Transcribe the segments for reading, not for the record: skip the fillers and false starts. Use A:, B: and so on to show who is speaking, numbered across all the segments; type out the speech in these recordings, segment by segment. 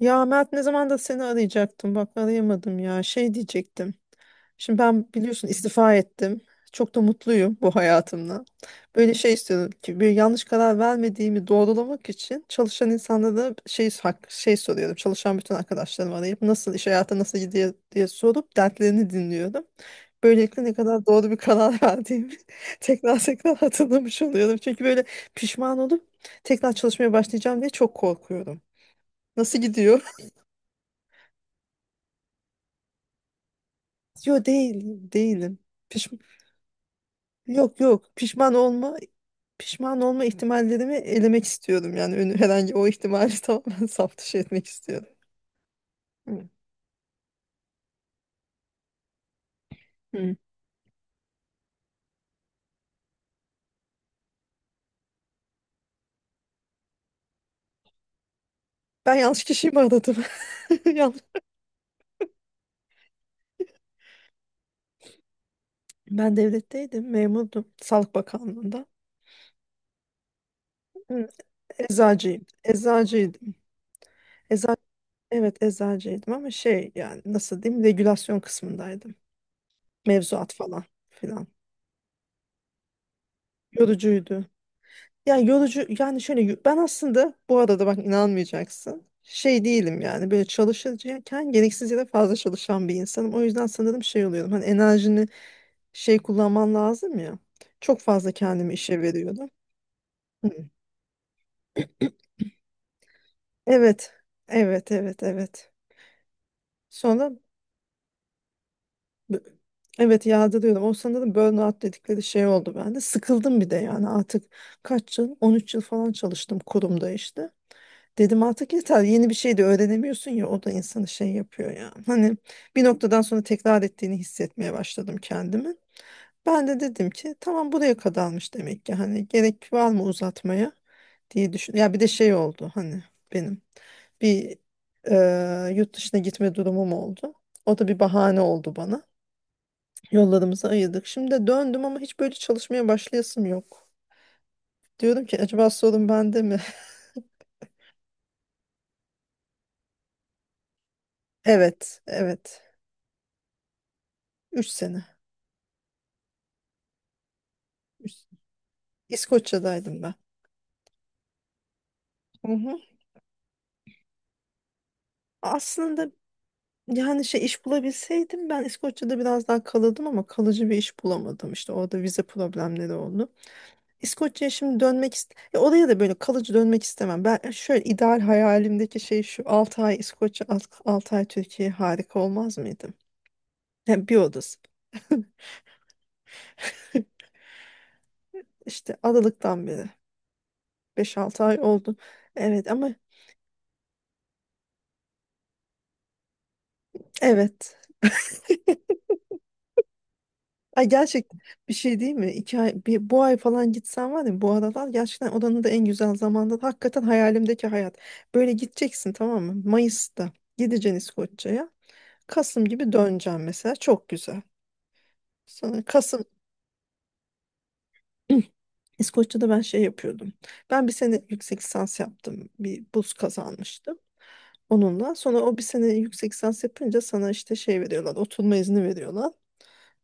A: Ya Mert ne zaman da seni arayacaktım. Bak arayamadım ya. Şey diyecektim. Şimdi ben biliyorsun istifa ettim. Çok da mutluyum bu hayatımla. Böyle şey istiyorum ki bir yanlış karar vermediğimi doğrulamak için çalışan insanlara şey soruyorum. Çalışan bütün arkadaşlarımı arayıp nasıl iş hayatı nasıl gidiyor diye sorup dertlerini dinliyorum. Böylelikle ne kadar doğru bir karar verdiğimi tekrar tekrar hatırlamış oluyorum. Çünkü böyle pişman olup tekrar çalışmaya başlayacağım diye çok korkuyorum. Nasıl gidiyor? Yo değilim, değilim. Piş, yok yok pişman olma pişman olma ihtimallerimi elemek istiyorum. Yani herhangi o ihtimali tamamen saf dışı etmek istiyorum. Hı. Hı. Ben yanlış kişiyi mi aradım? Yanlış. Ben devletteydim, memurdum. Sağlık Bakanlığı'nda. Hı, eczacıyım. Eczacıydım. Ecza evet eczacıydım ama şey yani nasıl diyeyim regülasyon kısmındaydım. Mevzuat falan filan. Yorucuydu. Yani yorucu yani şöyle ben aslında bu arada bak inanmayacaksın. Şey değilim yani böyle çalışırken gereksiz yere fazla çalışan bir insanım. O yüzden sanırım şey oluyorum. Hani enerjini şey kullanman lazım ya. Çok fazla kendimi işe veriyordum. Hı. Evet. Evet, evet, evet. Sonra b- evet yadırıyorum. O sanırım burnout dedikleri şey oldu bende. Sıkıldım bir de yani artık kaç yıl? 13 yıl falan çalıştım kurumda işte. Dedim artık yeter yeni bir şey de öğrenemiyorsun ya o da insanı şey yapıyor ya. Hani bir noktadan sonra tekrar ettiğini hissetmeye başladım kendimi. Ben de dedim ki tamam buraya kadarmış demek ki hani gerek var mı uzatmaya diye düşün. Ya bir de şey oldu hani benim bir e, yurt dışına gitme durumum oldu. O da bir bahane oldu bana. Yollarımızı ayırdık. Şimdi de döndüm ama hiç böyle çalışmaya başlayasım yok. Diyorum ki acaba sorun bende mi? Evet, evet. 3 sene. İskoçya'daydım ben. Hı hı. Aslında yani şey iş bulabilseydim ben İskoçya'da biraz daha kalırdım ama kalıcı bir iş bulamadım. İşte orada vize problemleri oldu. İskoçya'ya şimdi dönmek ya oraya da böyle kalıcı dönmek istemem. Ben şöyle ideal hayalimdeki şey şu 6 ay İskoçya 6 ay Türkiye harika olmaz mıydı? Hem bir odası. İşte Aralık'tan beri beş 6 ay oldu. Evet ama evet ay gerçekten bir şey değil mi? İki ay, bir, bu ay falan gitsen var ya bu aralar gerçekten oranın da en güzel zamanda. Hakikaten hayalimdeki hayat. Böyle gideceksin tamam mı? Mayıs'ta gideceksin İskoçya'ya. Kasım gibi döneceğim mesela. Çok güzel. Sonra Kasım İskoçya'da ben şey yapıyordum. Ben bir sene yüksek lisans yaptım. Bir burs kazanmıştım onunla. Sonra o bir sene yüksek lisans yapınca sana işte şey veriyorlar. Oturma izni veriyorlar.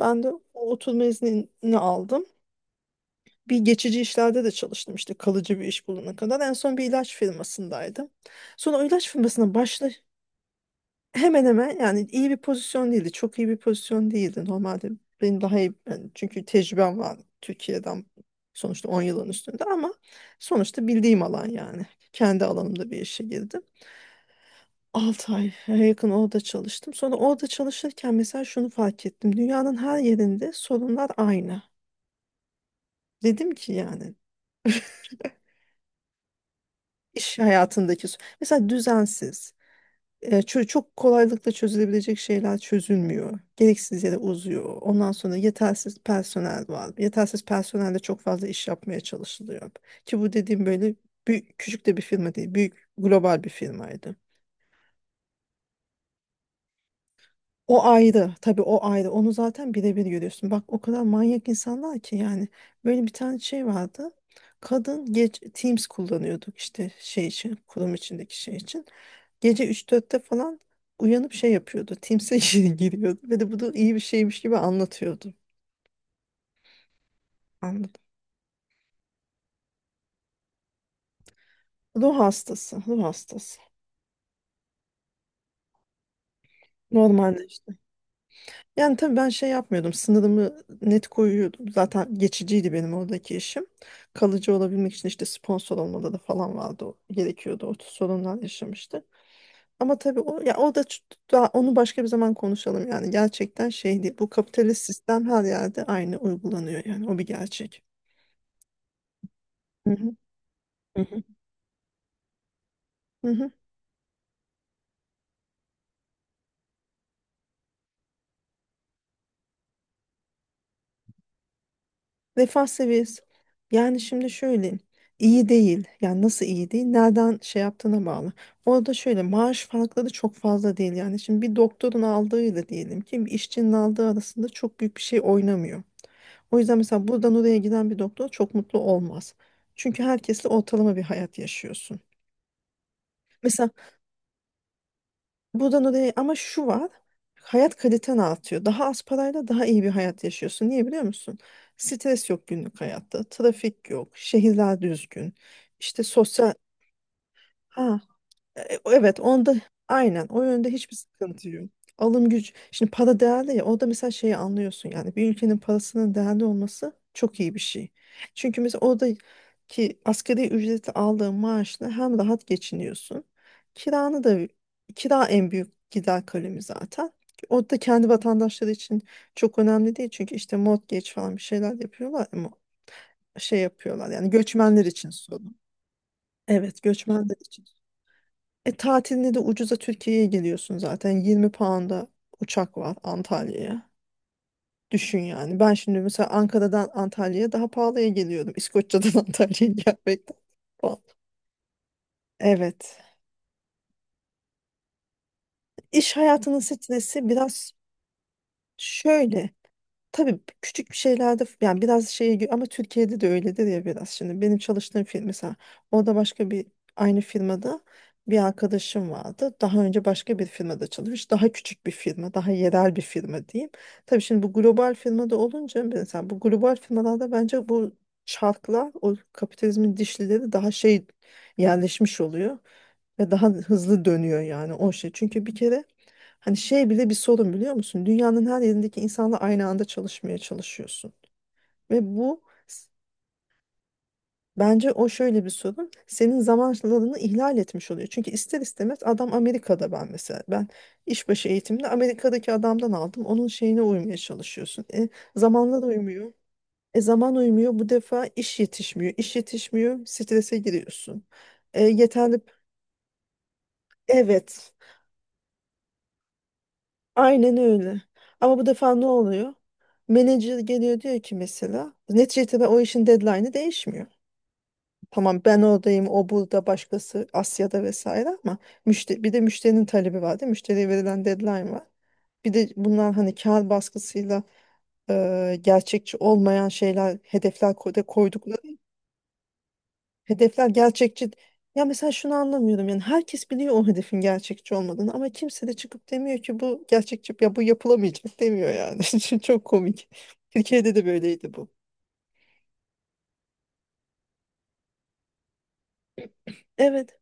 A: Ben de o oturma iznini aldım. Bir geçici işlerde de çalıştım işte kalıcı bir iş bulana kadar. En son bir ilaç firmasındaydım. Sonra o ilaç firmasına hemen hemen yani iyi bir pozisyon değildi. Çok iyi bir pozisyon değildi. Normalde benim daha iyi yani çünkü tecrübem var Türkiye'den sonuçta 10 yılın üstünde ama sonuçta bildiğim alan yani. Kendi alanımda bir işe girdim. 6 ay yakın orada çalıştım. Sonra orada çalışırken mesela şunu fark ettim. Dünyanın her yerinde sorunlar aynı. Dedim ki yani İş hayatındaki mesela düzensiz çok kolaylıkla çözülebilecek şeyler çözülmüyor. Gereksiz yere uzuyor. Ondan sonra yetersiz personel var. Yetersiz personelle çok fazla iş yapmaya çalışılıyor. Ki bu dediğim böyle büyük, küçük de bir firma değil. Büyük global bir firmaydı. O ayrı tabii o ayrı onu zaten birebir görüyorsun. Bak o kadar manyak insanlar ki yani böyle bir tane şey vardı. Kadın geç Teams kullanıyorduk işte şey için kurum içindeki şey için. Gece üç dörtte falan uyanıp şey yapıyordu. Teams'e giriyordu ve de bu da iyi bir şeymiş gibi anlatıyordu. Anladım. Ruh hastası, ruh hastası. Normalde yani tabii ben şey yapmıyordum. Sınırımı net koyuyordum. Zaten geçiciydi benim oradaki işim. Kalıcı olabilmek için işte sponsor olmaları falan vardı. Gerekiyordu. O sorunlar yaşamıştı. Ama tabii o, ya o da ç- daha onu başka bir zaman konuşalım yani. Gerçekten şey değil. Bu kapitalist sistem her yerde aynı uygulanıyor yani. O bir gerçek. Hı hı. Hı hı. Hı hı. Refah seviyesi. Yani şimdi şöyle iyi değil. Yani nasıl iyi değil? Nereden şey yaptığına bağlı. Orada şöyle maaş farkları çok fazla değil. Yani şimdi bir doktorun aldığıyla diyelim ki bir işçinin aldığı arasında çok büyük bir şey oynamıyor. O yüzden mesela buradan oraya giden bir doktor çok mutlu olmaz. Çünkü herkesle ortalama bir hayat yaşıyorsun. Mesela buradan oraya ama şu var. Hayat kaliten artıyor. Daha az parayla daha iyi bir hayat yaşıyorsun. Niye biliyor musun? Stres yok günlük hayatta. Trafik yok. Şehirler düzgün. İşte sosyal... Ha, evet onda aynen o yönde hiçbir sıkıntı yok. Alım gücü şimdi para değerli ya orada mesela şeyi anlıyorsun yani bir ülkenin parasının değerli olması çok iyi bir şey. Çünkü mesela oradaki asgari ücreti aldığın maaşla hem rahat geçiniyorsun. Kiranı da kira en büyük gider kalemi zaten. O da kendi vatandaşları için çok önemli değil çünkü işte mortgage falan bir şeyler yapıyorlar ama şey yapıyorlar yani göçmenler için sorun. Evet göçmenler için. E, tatilinde de ucuza Türkiye'ye geliyorsun zaten. 20 pound'a uçak var Antalya'ya. Düşün yani. Ben şimdi mesela Ankara'dan Antalya'ya daha pahalıya geliyordum. İskoçya'dan Antalya'ya gelmekten. Falan. Evet. İş hayatının stresi biraz şöyle. Tabii küçük bir şeylerde yani biraz şey ama Türkiye'de de öyledir ya biraz. Şimdi benim çalıştığım firma mesela orada başka bir aynı firmada bir arkadaşım vardı. Daha önce başka bir firmada çalışmış. Daha küçük bir firma, daha yerel bir firma diyeyim. Tabii şimdi bu global firmada olunca mesela bu global firmalarda bence bu çarklar o kapitalizmin dişlileri daha şey yerleşmiş oluyor. Ve daha hızlı dönüyor yani o şey. Çünkü bir kere hani şey bile bir sorun biliyor musun? Dünyanın her yerindeki insanla aynı anda çalışmaya çalışıyorsun. Ve bu s- bence o şöyle bir sorun. Senin zamanlarını ihlal etmiş oluyor. Çünkü ister istemez adam Amerika'da ben mesela. Ben işbaşı eğitimini Amerika'daki adamdan aldım. Onun şeyine uymaya çalışıyorsun. Zamanlar uymuyor. E zaman uymuyor. Bu defa iş yetişmiyor. İş yetişmiyor. Strese giriyorsun. E, yeterli Evet. Aynen öyle. Ama bu defa ne oluyor? Menajer geliyor diyor ki mesela neticede ben o işin deadline'ı değişmiyor. Tamam ben oradayım, o burada, başkası Asya'da vesaire ama müşteri, bir de müşterinin talebi var değil mi? Müşteriye verilen deadline var. Bir de bunlar hani kar baskısıyla gerçekçi olmayan şeyler, hedefler da koydukları hedefler gerçekçi. Ya mesela şunu anlamıyorum yani herkes biliyor o hedefin gerçekçi olmadığını ama kimse de çıkıp demiyor ki bu gerçekçi ya bu yapılamayacak demiyor yani. Çok komik. Türkiye'de de böyleydi bu. Evet.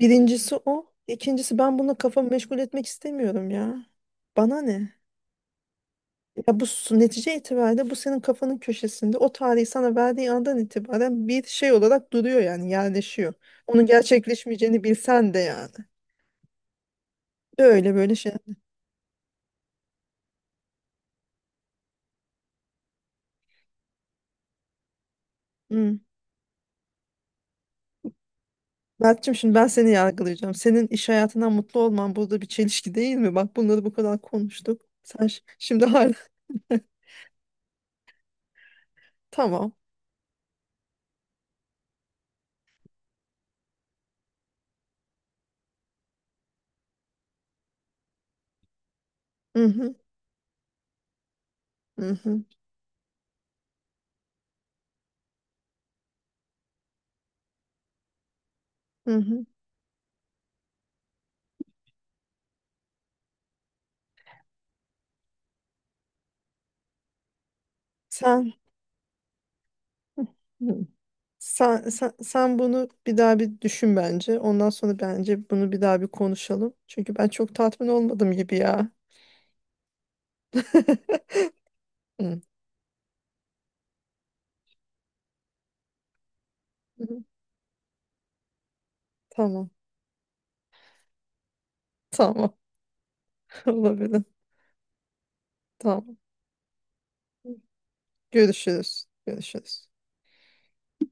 A: Birincisi o. İkincisi ben bunu kafamı meşgul etmek istemiyorum ya. Bana ne? Ya bu netice itibariyle bu senin kafanın köşesinde o tarihi sana verdiği andan itibaren bir şey olarak duruyor yani yerleşiyor. Onun gerçekleşmeyeceğini bilsen de yani. Böyle böyle şey. Hı. Mert'cim şimdi ben seni yargılayacağım. Senin iş hayatından mutlu olman burada bir çelişki değil mi? Bak bunları bu kadar konuştuk. Sen şimdi hala tamam. Hı hı, hı hı, hı hı. Sen, hı. Sen bunu bir daha bir düşün bence. Ondan sonra bence bunu bir daha bir konuşalım. Çünkü ben çok tatmin olmadım gibi ya. Hı, hı. Tamam. Tamam. Olabilir. Tamam. Görüşürüz. Görüşürüz.